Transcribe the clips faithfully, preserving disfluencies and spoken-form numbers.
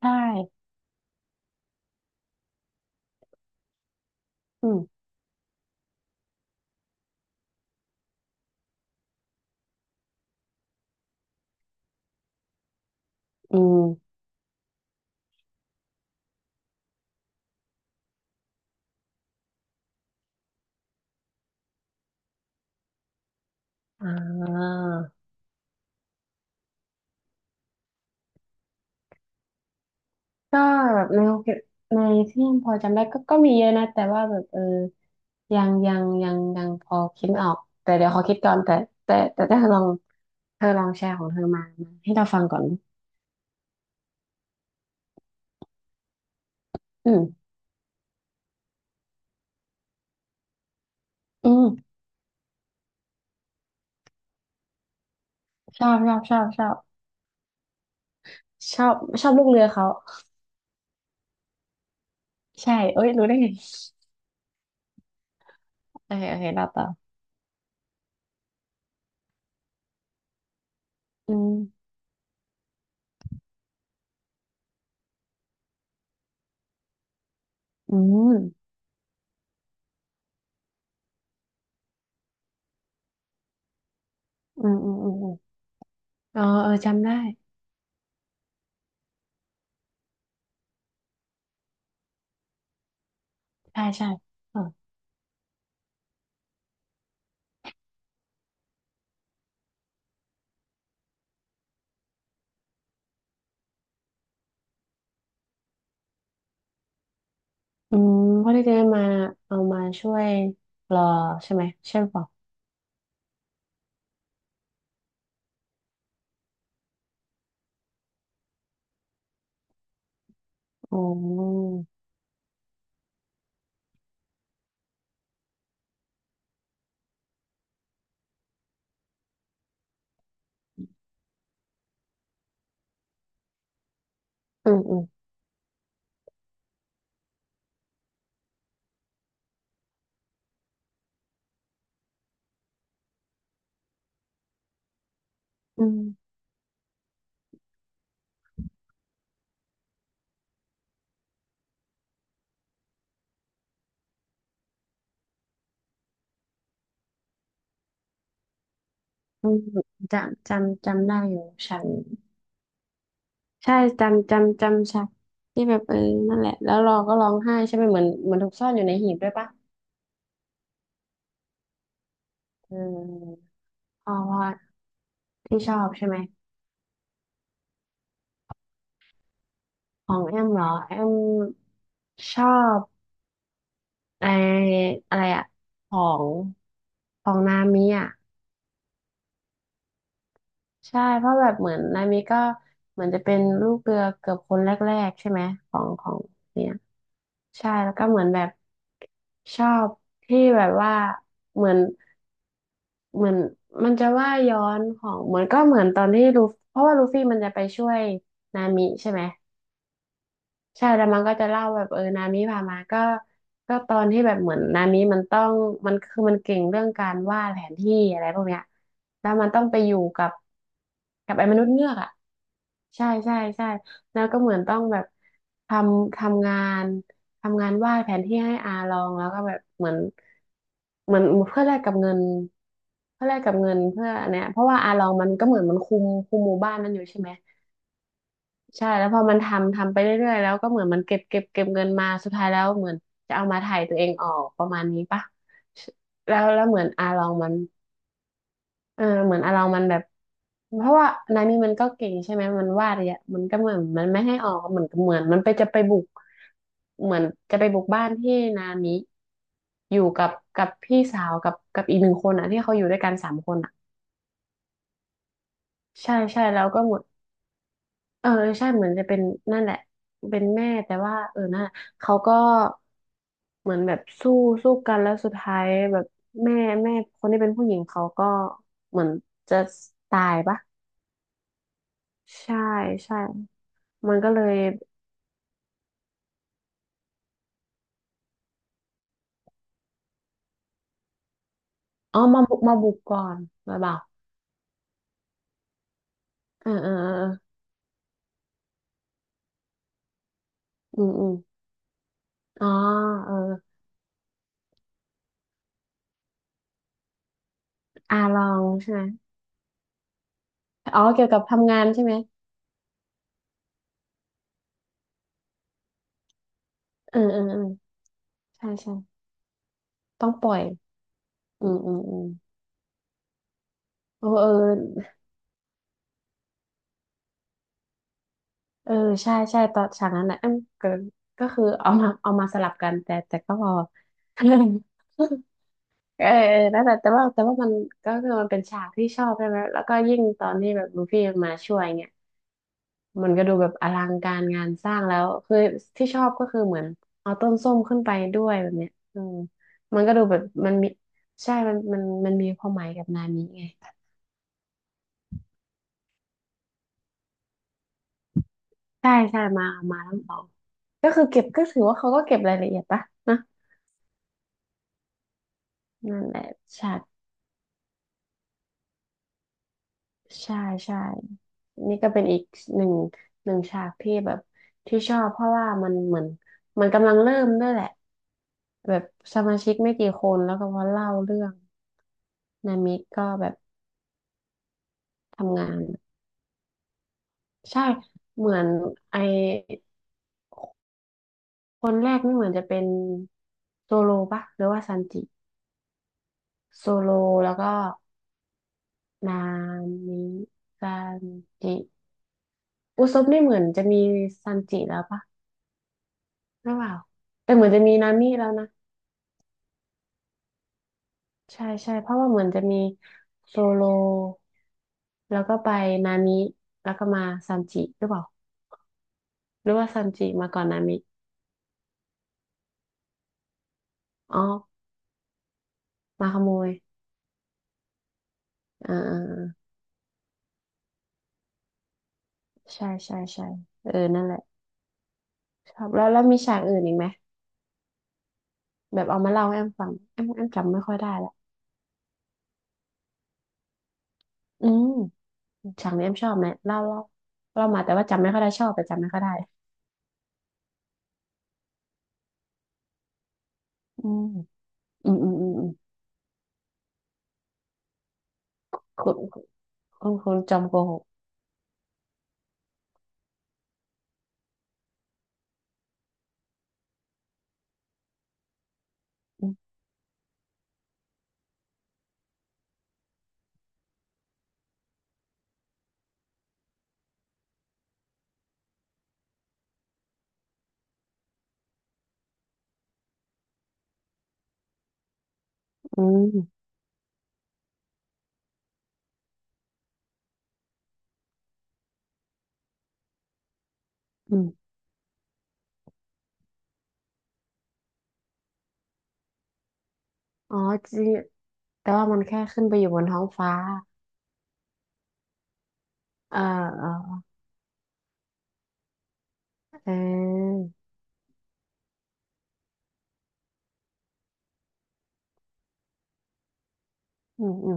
ใช่อืมอืมอ่าก็แบบในโอเคในที่ยังพอจำได้ก็ก็มีเยอะนะแต่ว่าแบบเออยังยังยังยังพอคิดไม่ออกแต่เดี๋ยวขอคิดก่อนแต่แต่แต่ถ้าเธอลองเธอลองแชร์ของเธอมามาให้เราฟังก่อนอืมอืมชอบชอบชอบชอบชอบชอบลูกเรือเขาใช่เอ้ยรู้ได้ไงโอเคโอเคเราต่ออืมอืมอืมอืมอืมอมอ๋อเออจำได้ใช่ใช่ อืมเพื่อที่จะได้มาเอามาช่วยรอใช่ไหมใช่เปล่าอ๋ออืมอืมอืมอืมจำจำจำได้อยู่ฉันใช่จำจำจำฉันที่แบบเออนั่นแหละแล้วเรอก็ร้องไห้ใช่ไหมเหมือนเหมือนถูกซ่อนอยู่ในหีบด้วยปะเออเพราะว่าที่ชอบใช่ไหมของแอมเหรอแอมชอบไออะไรอะของของนามิอะ ใช่เพราะแบบเหมือนนายมิก็เหมือนจะเป็นลูกเรือเกือบคนแรกๆใช่ไหมของของเนี่ยใช่แล้วก็เหมือนแบบชอบที่แบบว่าเหมือนเหมือนมันจะว่าย้อนของเหมือนก็เหมือนตอนที่ลูฟเพราะว่าลูฟี่มันจะไปช่วยนามิใช่ไหม ใช่แล้วมันก็จะเล่าแบบเออนามิพามาก็ก็ตอนที่แบบเหมือนนามิมันต้องมันคือมันเก่งเรื่องการวาดแผนที่อะไรพวกเนี้ยแล้วมันต้องไปอยู่กับกับไอ้มนุษย์เงือกอ่ะใช่ใช่ใช่แล้วก็เหมือนต้องแบบทำทำงานทำงานวาดแผนที่ให้อาลองแล้วก็แบบเหมือนเหมือนเพื่อแลกกับเงินเพื่อแลกกับเงินเพื่ออันเนี้ยเพราะว่าอาลองมันก็เหมือนมันคุมคุมหมู่บ้านนั้นอยู่ใช่ไหม ใช่แล้วพอมันทำทำไปเรื่อยๆแล้วก็เหมือนมันเก็บเก็บเก็บเงินมาสุดท้ายแล้วเหมือนจะเอามาถ่ายตัวเองออกประมาณนี้ปะแล้วแล้วเหมือนอาลองมันเออเหมือนอาลองมันแบบเพราะว่านานี่มันก็เก่งใช่ไหมมันวาดเนี่ยมันก็เหมือนมันไม่ให้ออกเหมือนเหมือนมันไปจะไปบุกเหมือนจะไปบุกบ้านที่นามิอยู่กับกับพี่สาวกับกับอีกหนึ่งคนอ่ะที่เขาอยู่ด้วยกันสามคนอ่ะใช่ใช่แล้วก็หมด เออใช่เหมือนจะเป็นนั่นแหละเป็นแม่แต่ว่าเออนั่นแหละเขาก็เหมือนแบบสู้สู้กันแล้วสุดท้ายแบบแม่แม่คนที่เป็นผู้หญิงเขาก็เหมือนจะตายปะใช่ใช่มันก็เลยอ๋อมาบุกมาบุกก่อนหรือเปล่าเออเออเออเอออืมอืมอ๋อเอออาลองใช่ไหมอ๋อเกี่ยวกับทำงานใช่ไหมเออเออเออใช่ใช่ต้องปล่อยอืมอืมอืมเออเออ เออใช่ใช่ตอนฉากนั้นนะเอมก็ก็คือ เอามาเอามาสลับกันแต่แต่ก็พอ เออเออนั่นแหละแต่ว่าแต่ว่ามันก็คือมันเป็นฉากที่ชอบใช่ไหมแล้วก็ยิ่งตอนที่แบบลูฟี่มาช่วยเงี้ยมันก็ดูแบบอลังการงานสร้างแล้วคือที่ชอบก็คือเหมือนเอาต้นส้มขึ้นไปด้วยแบบเนี้ยอืมมันก็ดูแบบมันมีใช่มันมันมันมีความหมายกับนามิไงใช่ใช่มามาทั้งสองก็คือเก็บก็ถือว่าเขาก็เก็บรายละเอียดปะนะนั่นแหละฉาก ใช่ใช่นี่ก็เป็นอีกหนึ่งหนึ่งฉากที่แบบที่ชอบเพราะว่ามันเหมือนมันกำลังเริ่มด้วยแหละแบบสมาชิกไม่กี่คนแล้วก็มาเล่าเรื่องนามิก็แบบทำงานใช่เหมือนไอคนแรกนี่เหมือนจะเป็นโซโลปะหรือว่าซันจิโซโลแล้วก็นามิซันจิอุซบนี่เหมือนจะมีซันจิแล้วปะหรือเปล่าแต่เหมือนจะมีนามิแล้วนะ ใช่ใช่เพราะว่าเหมือนจะมีโซโลแล้วก็ไปนามิแล้วก็มาซัมจิหรือเปล่าหรือว่าซัมจิมาก่อนนามิอ๋อมาขโมยอ่าอ่าอ่าใช่ใช่ใช่เออนั่นแหละชอบแล้วแล้วมีฉากอื่นอีกไหมแบบเอามาเล่าให้แอมฟังแอมแอมจำไม่ค่อยได้ละอืมฉากนี้แอมชอบไหมเล่าเล่าเล่ามาแต่ว่าจำไม่ค่อยได้ชอบแต่จำไม่ค่อยได้อืมอืมอืมอืมอืมคุณคุณคุณจอมโกหกอืมอืม อ๋อจริงแต่ว่ามันแค่ขึ้นไปอยู่บนท้องฟ้าเออเออเอออืมอืม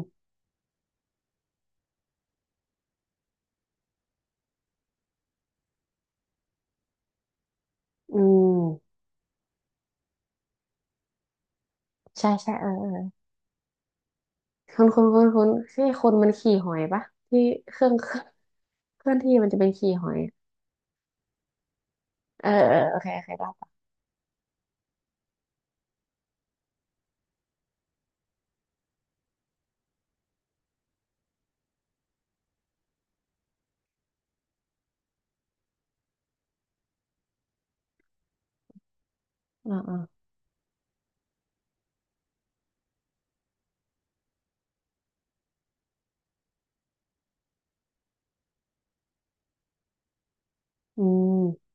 อืมใช่ใช่เออเออคุณคุณคุณคุณที่คนมันขี่หอยปะที่เครื่อง เครื่องเคลื่อนที่มันจะเป็นขี่หอยเออเออโอเคโอเคเล่าต่ออ่าอ่าอืม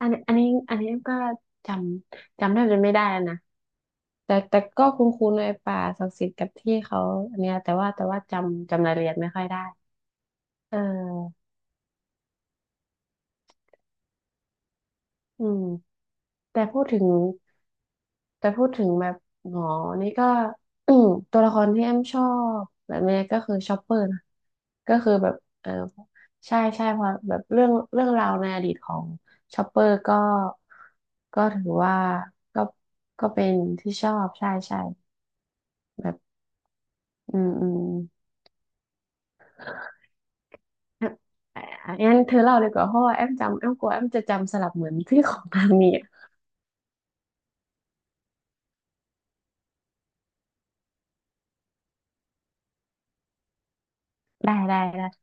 อันนี้อันนี้อันนี้ก็จำจำแทบจะไม่ได้แล้วนะแต่แต่ก็คุ้นคุ้นไอป่าศักดิ์สิทธิ์กับที่เขาอันเนี้ยแต่ว่าแต่ว่าจำจำรายละเอียดไม่ค่อยได้เอออืมแต่พูดถึง แต่พูดถึงแบบหมอนี่ก็ ตัวละครที่แอมชอบแบบนี้ก็คือชอปเปอร์นะก็คือแบบเออใช่ใช่เพราะแบบเรื่องเรื่องราวในอดีตของชอปเปอร์ก็ก็ถือว่าก็ก็เป็นที่ชอบใช่ใช่แบบอืมอืมเอมองั้นเธอเล่าเลยกว่าเพราะว่าแอมจำแอมกลัวแอมจะจำสลับเหมือนที่ของทางนี้อะได้ได้ได้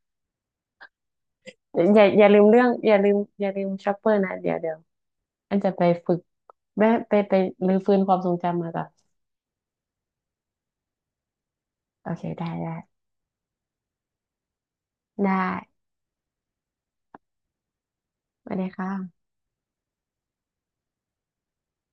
อย่าอย่าลืมเรื่องอย่าลืมอย่าลืมชอปเปอร์นะเดี๋ยวเดี๋ยว อันจะไปฝึกแม่ไปไปรื้อฟื้นความทรงจำมาก่อนโอเคได้ได้ได้สวัสดีค่ะ